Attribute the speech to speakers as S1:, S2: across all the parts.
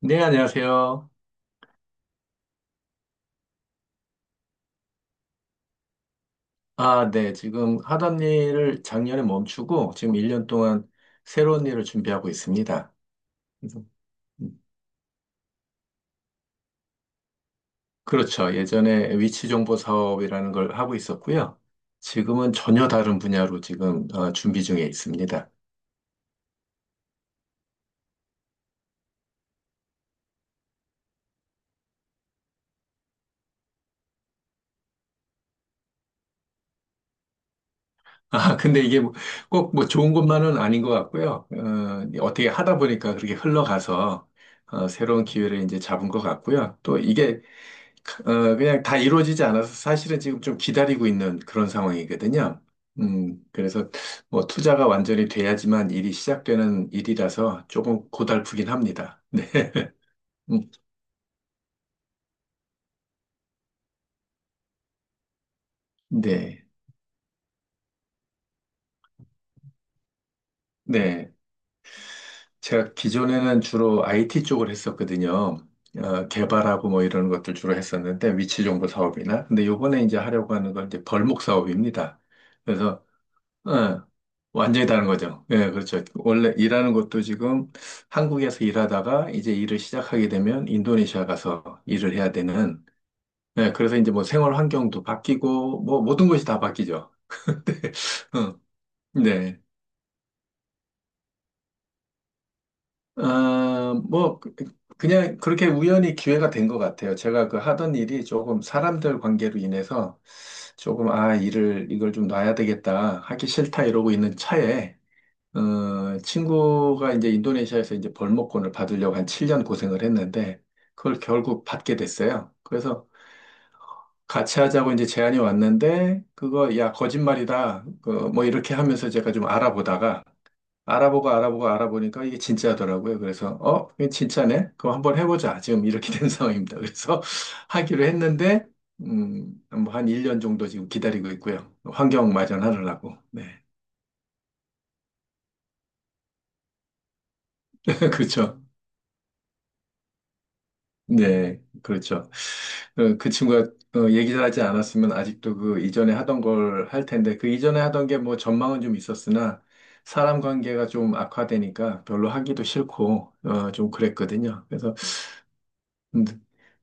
S1: 네, 안녕하세요. 아, 네. 지금 하던 일을 작년에 멈추고 지금 1년 동안 새로운 일을 준비하고 있습니다. 그래서, 음, 그렇죠. 예전에 위치 정보 사업이라는 걸 하고 있었고요. 지금은 전혀 다른 분야로 지금 준비 중에 있습니다. 아, 근데 이게 뭐 꼭뭐 좋은 것만은 아닌 것 같고요. 어떻게 하다 보니까 그렇게 흘러가서 새로운 기회를 이제 잡은 것 같고요. 또 이게 그냥 다 이루어지지 않아서 사실은 지금 좀 기다리고 있는 그런 상황이거든요. 그래서 뭐 투자가 완전히 돼야지만 일이 시작되는 일이라서 조금 고달프긴 합니다. 네. 음, 네. 네. 제가 기존에는 주로 IT 쪽을 했었거든요. 개발하고 뭐 이런 것들 주로 했었는데 위치 정보 사업이나. 근데 요번에 이제 하려고 하는 건 이제 벌목 사업입니다. 그래서 예, 완전히 다른 거죠. 예, 그렇죠. 원래 일하는 것도 지금 한국에서 일하다가 이제 일을 시작하게 되면 인도네시아 가서 일을 해야 되는, 예, 그래서 이제 뭐 생활 환경도 바뀌고, 뭐 모든 것이 다 바뀌죠. 응, 네. 아 뭐, 그냥 그렇게 우연히 기회가 된 것 같아요. 제가 그 하던 일이 조금 사람들 관계로 인해서 조금, 아, 일을, 이걸 좀 놔야 되겠다, 하기 싫다 이러고 있는 차에 친구가 이제 인도네시아에서 이제 벌목권을 받으려고 한 7년 고생을 했는데, 그걸 결국 받게 됐어요. 그래서 같이 하자고 이제 제안이 왔는데, 그거, 야, 거짓말이다. 그, 뭐 이렇게 하면서 제가 좀 알아보다가, 알아보고 알아보고 알아보니까 이게 진짜더라고요. 그래서, 이게 진짜네? 그럼 한번 해보자. 지금 이렇게 된 상황입니다. 그래서 하기로 했는데, 뭐한 1년 정도 지금 기다리고 있고요. 환경 마련하려고. 네. 그렇죠. 네, 그렇죠. 그 친구가 얘기를 하지 않았으면 아직도 그 이전에 하던 걸 할 텐데, 그 이전에 하던 게 뭐 전망은 좀 있었으나, 사람 관계가 좀 악화되니까 별로 하기도 싫고, 좀 그랬거든요. 그래서 음,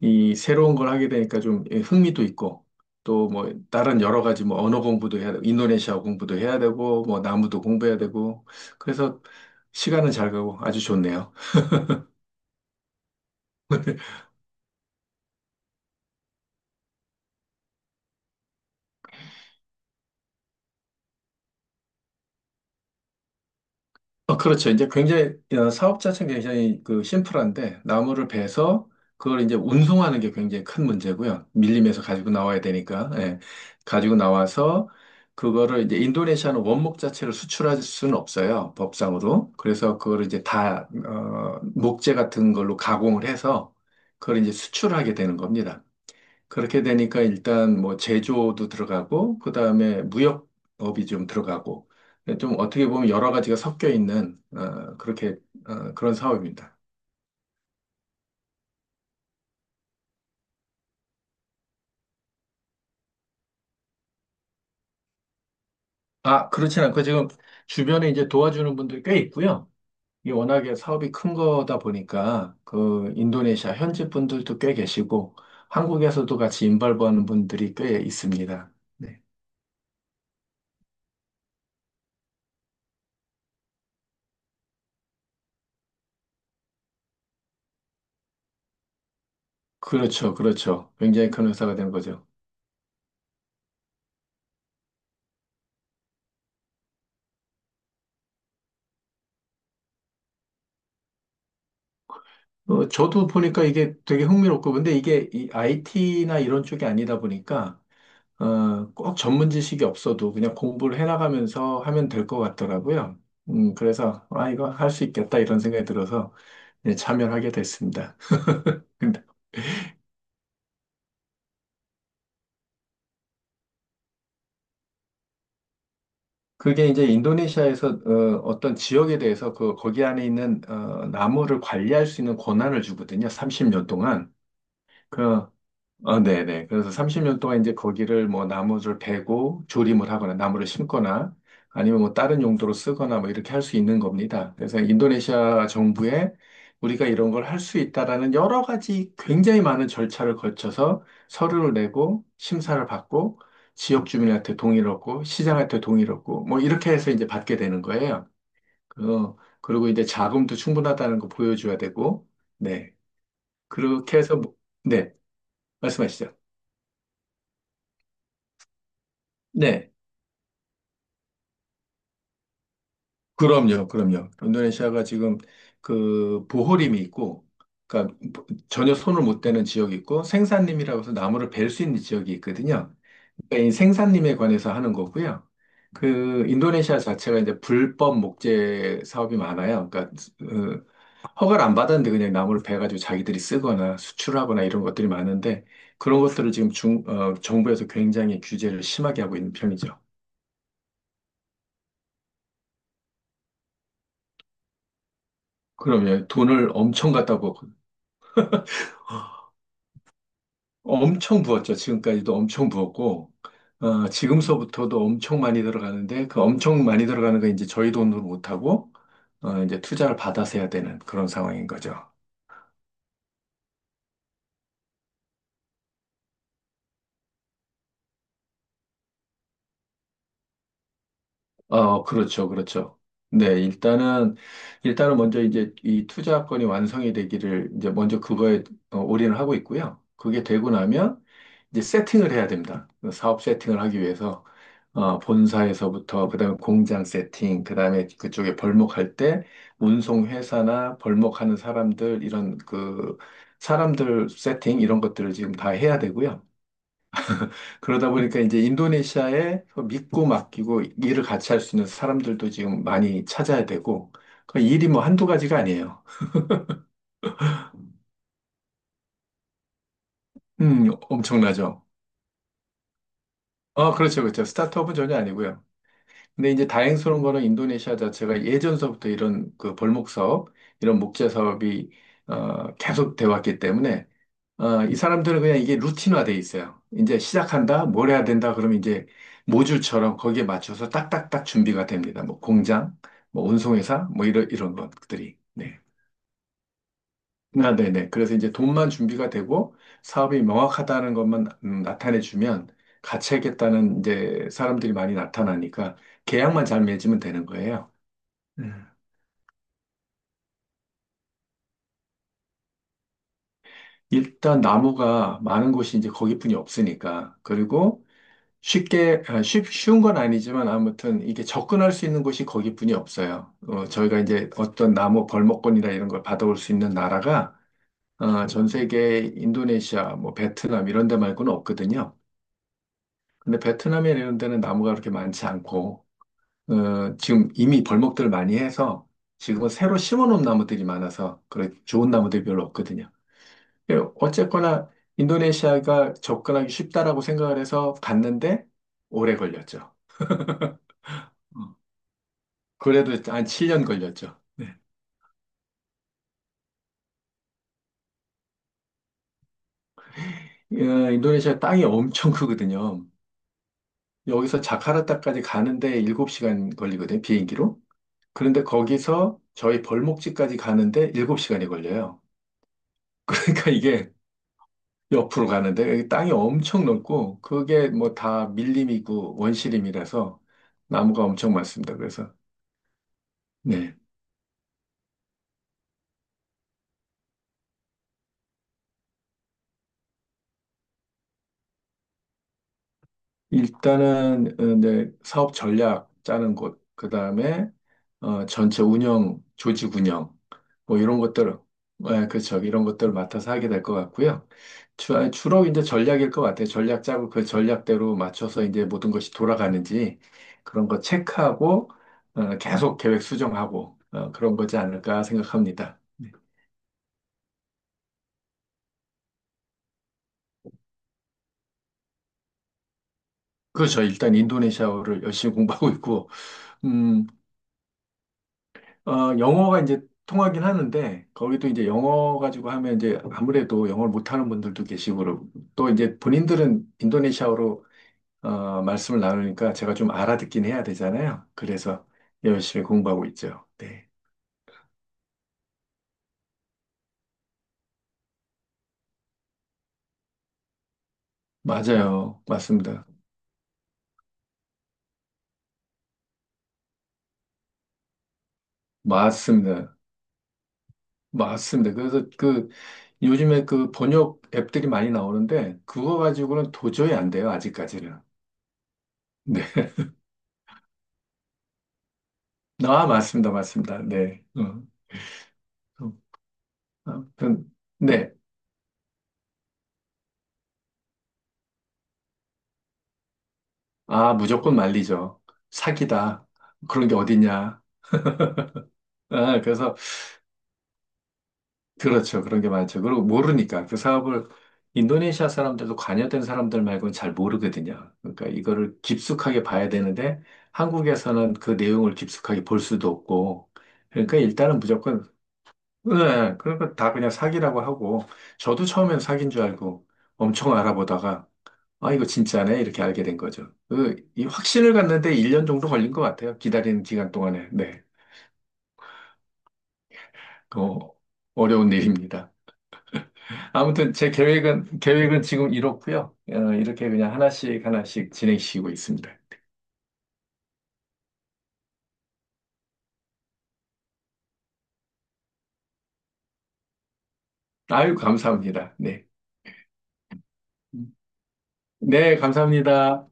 S1: 이 새로운 걸 하게 되니까 좀 예, 흥미도 있고, 또 뭐 다른 여러 가지 뭐 언어 공부도 해야 되고, 인도네시아 공부도 해야 되고, 뭐 나무도 공부해야 되고, 그래서 시간은 잘 가고 아주 좋네요. 그렇죠. 이제 굉장히, 사업 자체는 굉장히 그 심플한데, 나무를 베서 그걸 이제 운송하는 게 굉장히 큰 문제고요. 밀림에서 가지고 나와야 되니까, 예. 가지고 나와서 그거를 이제 인도네시아는 원목 자체를 수출할 수는 없어요. 법상으로. 그래서 그거를 이제 다, 목재 같은 걸로 가공을 해서 그걸 이제 수출하게 되는 겁니다. 그렇게 되니까 일단 뭐 제조도 들어가고, 그 다음에 무역업이 좀 들어가고, 좀 어떻게 보면 여러 가지가 섞여 있는, 그렇게, 그런 사업입니다. 아, 그렇진 않고 지금 주변에 이제 도와주는 분들이 꽤 있고요. 이게 워낙에 사업이 큰 거다 보니까, 그, 인도네시아 현지 분들도 꽤 계시고, 한국에서도 같이 인발부하는 분들이 꽤 있습니다. 네. 그렇죠, 그렇죠. 굉장히 큰 회사가 된 거죠. 저도 보니까 이게 되게 흥미롭고, 근데 이게 이 IT나 이런 쪽이 아니다 보니까, 꼭 전문 지식이 없어도 그냥 공부를 해나가면서 하면 될 것 같더라고요. 그래서, 아, 이거 할 수 있겠다 이런 생각이 들어서 네, 참여하게 됐습니다. 근데 그게 이제 인도네시아에서 떤 지역에 대해서 그, 거기 안에 있는 나무를 관리할 수 있는 권한을 주거든요. 30년 동안. 그, 네네. 그래서 30년 동안 이제 거기를 뭐 나무를 베고 조림을 하거나 나무를 심거나 아니면 뭐 다른 용도로 쓰거나 뭐 이렇게 할 수 있는 겁니다. 그래서 인도네시아 정부에 우리가 이런 걸 할 수 있다라는 여러 가지 굉장히 많은 절차를 거쳐서 서류를 내고 심사를 받고 지역 주민한테 동의를 얻고 시장한테 동의를 얻고 뭐 이렇게 해서 이제 받게 되는 거예요. 그, 그리고 이제 자금도 충분하다는 거 보여줘야 되고 네. 그렇게 해서 뭐- 네. 말씀하시죠. 네. 그럼요, 그럼요. 인도네시아가 지금 그 보호림이 있고, 그러니까 전혀 손을 못 대는 지역이 있고, 생산림이라고 해서 나무를 벨 수 있는 지역이 있거든요. 그러니까 이 생산림에 관해서 하는 거고요. 그 인도네시아 자체가 이제 불법 목재 사업이 많아요. 그러니까 어, 허가를 안 받았는데 그냥 나무를 베가지고 자기들이 쓰거나 수출하거나 이런 것들이 많은데 그런 것들을 지금 정부에서 굉장히 규제를 심하게 하고 있는 편이죠. 그러면 돈을 엄청 갖다 부- 엄청 부었죠. 지금까지도 엄청 부었고, 지금서부터도 엄청 많이 들어가는데, 그 엄청 많이 들어가는 건 이제 저희 돈으로 못하고, 이제 투자를 받아서 해야 되는 그런 상황인 거죠. 그렇죠, 그렇죠. 네, 일단은 먼저 이제 이 투자건이 완성이 되기를 이제 먼저 그거에 올인을 하고 있고요. 그게 되고 나면 이제 세팅을 해야 됩니다. 사업 세팅을 하기 위해서, 본사에서부터, 그다음에 공장 세팅, 그다음에 그쪽에 벌목할 때 운송회사나 벌목하는 사람들, 이런 그 사람들 세팅, 이런 것들을 지금 다 해야 되고요. 그러다 보니까 이제 인도네시아에 믿고 맡기고 일을 같이 할 수 있는 사람들도 지금 많이 찾아야 되고, 그 일이 뭐 한두 가지가 아니에요. 엄청나죠. 아, 그렇죠, 그렇죠. 스타트업은 전혀 아니고요. 근데 이제 다행스러운 거는 인도네시아 자체가 예전서부터 이런 그 벌목 사업, 이런 목재 사업이 계속 돼 왔기 때문에 이 사람들은 그냥 이게 루틴화돼 있어요. 이제 시작한다, 뭘 해야 된다, 그러면 이제 모듈처럼 거기에 맞춰서 딱딱딱 준비가 됩니다. 뭐 공장, 뭐 운송회사, 뭐 이런 이런 것들이. 네. 아, 네네. 그래서 이제 돈만 준비가 되고 사업이 명확하다는 것만 나타내주면 같이 하겠다는 이제 사람들이 많이 나타나니까 계약만 잘 맺으면 되는 거예요. 음. 일단 나무가 많은 곳이 이제 거기뿐이 없으니까. 그리고 쉽게, 아, 쉽, 쉬운 건 아니지만 아무튼 이게 접근할 수 있는 곳이 거기뿐이 없어요. 저희가 이제 어떤 나무 벌목권이나 이런 걸 받아올 수 있는 나라가 전 세계 인도네시아, 뭐 베트남 이런 데 말고는 없거든요. 근데 베트남이나 이런 데는 나무가 그렇게 많지 않고, 지금 이미 벌목들을 많이 해서 지금은 새로 심어놓은 나무들이 많아서 그래 좋은 나무들이 별로 없거든요. 예, 어쨌거나 인도네시아가 접근하기 쉽다라고 생각을 해서 갔는데 오래 걸렸죠. 어, 그래도 한 7년 걸렸죠. 네. 예, 인도네시아 땅이 엄청 크거든요. 여기서 자카르타까지 가는데 7시간 걸리거든요, 비행기로. 그런데 거기서 저희 벌목지까지 가는데 7시간이 걸려요. 그러니까 이게 옆으로 가는데 여기 땅이 엄청 넓고 그게 뭐 다 밀림이고 원시림이라서 나무가 엄청 많습니다. 그래서 네. 일단은 이제 사업 전략 짜는 곳, 그 다음에 전체 운영, 조직 운영, 뭐 이런 것들, 예, 그렇죠. 이런 것들을 맡아서 하게 될 것 같고요. 주, 아니, 주로 이제 전략일 것 같아요. 전략 짜고 그 전략대로 맞춰서 이제 모든 것이 돌아가는지 그런 거 체크하고 계속 계획 수정하고 그런 거지 않을까 생각합니다. 그렇죠. 일단 인도네시아어를 열심히 공부하고 있고, 음, 영어가 이제 통하긴 하는데, 거기도 이제 영어 가지고 하면 이제 아무래도 영어를 못하는 분들도 계시고, 그러고 또 이제 본인들은 인도네시아어로 말씀을 나누니까 제가 좀 알아듣긴 해야 되잖아요. 그래서 열심히 공부하고 있죠. 네. 맞아요. 맞습니다. 맞습니다. 맞습니다. 그래서 그 요즘에 그 번역 앱들이 많이 나오는데, 그거 가지고는 도저히 안 돼요. 아직까지는. 네. 아, 맞습니다. 맞습니다. 네. 어, 아무튼, 네. 아, 무조건 말리죠. 사기다. 그런 게 어디냐. 아, 그래서, 그렇죠. 그런 게 많죠. 그리고 모르니까 그 사업을 인도네시아 사람들도 관여된 사람들 말고는 잘 모르거든요. 그러니까 이거를 깊숙하게 봐야 되는데 한국에서는 그 내용을 깊숙하게 볼 수도 없고. 그러니까 일단은 무조건, 네, 그러니까 다 그냥 사기라고 하고. 저도 처음엔 사기인 줄 알고 엄청 알아보다가 아, 이거 진짜네. 이렇게 알게 된 거죠. 그, 이 확신을 갖는데 1년 정도 걸린 것 같아요. 기다리는 기간 동안에. 네. 어, 어려운 일입니다. 아무튼 제 계획은 지금 이렇고요. 이렇게 그냥 하나씩 하나씩 진행시키고 있습니다. 아유, 감사합니다. 네. 네, 감사합니다.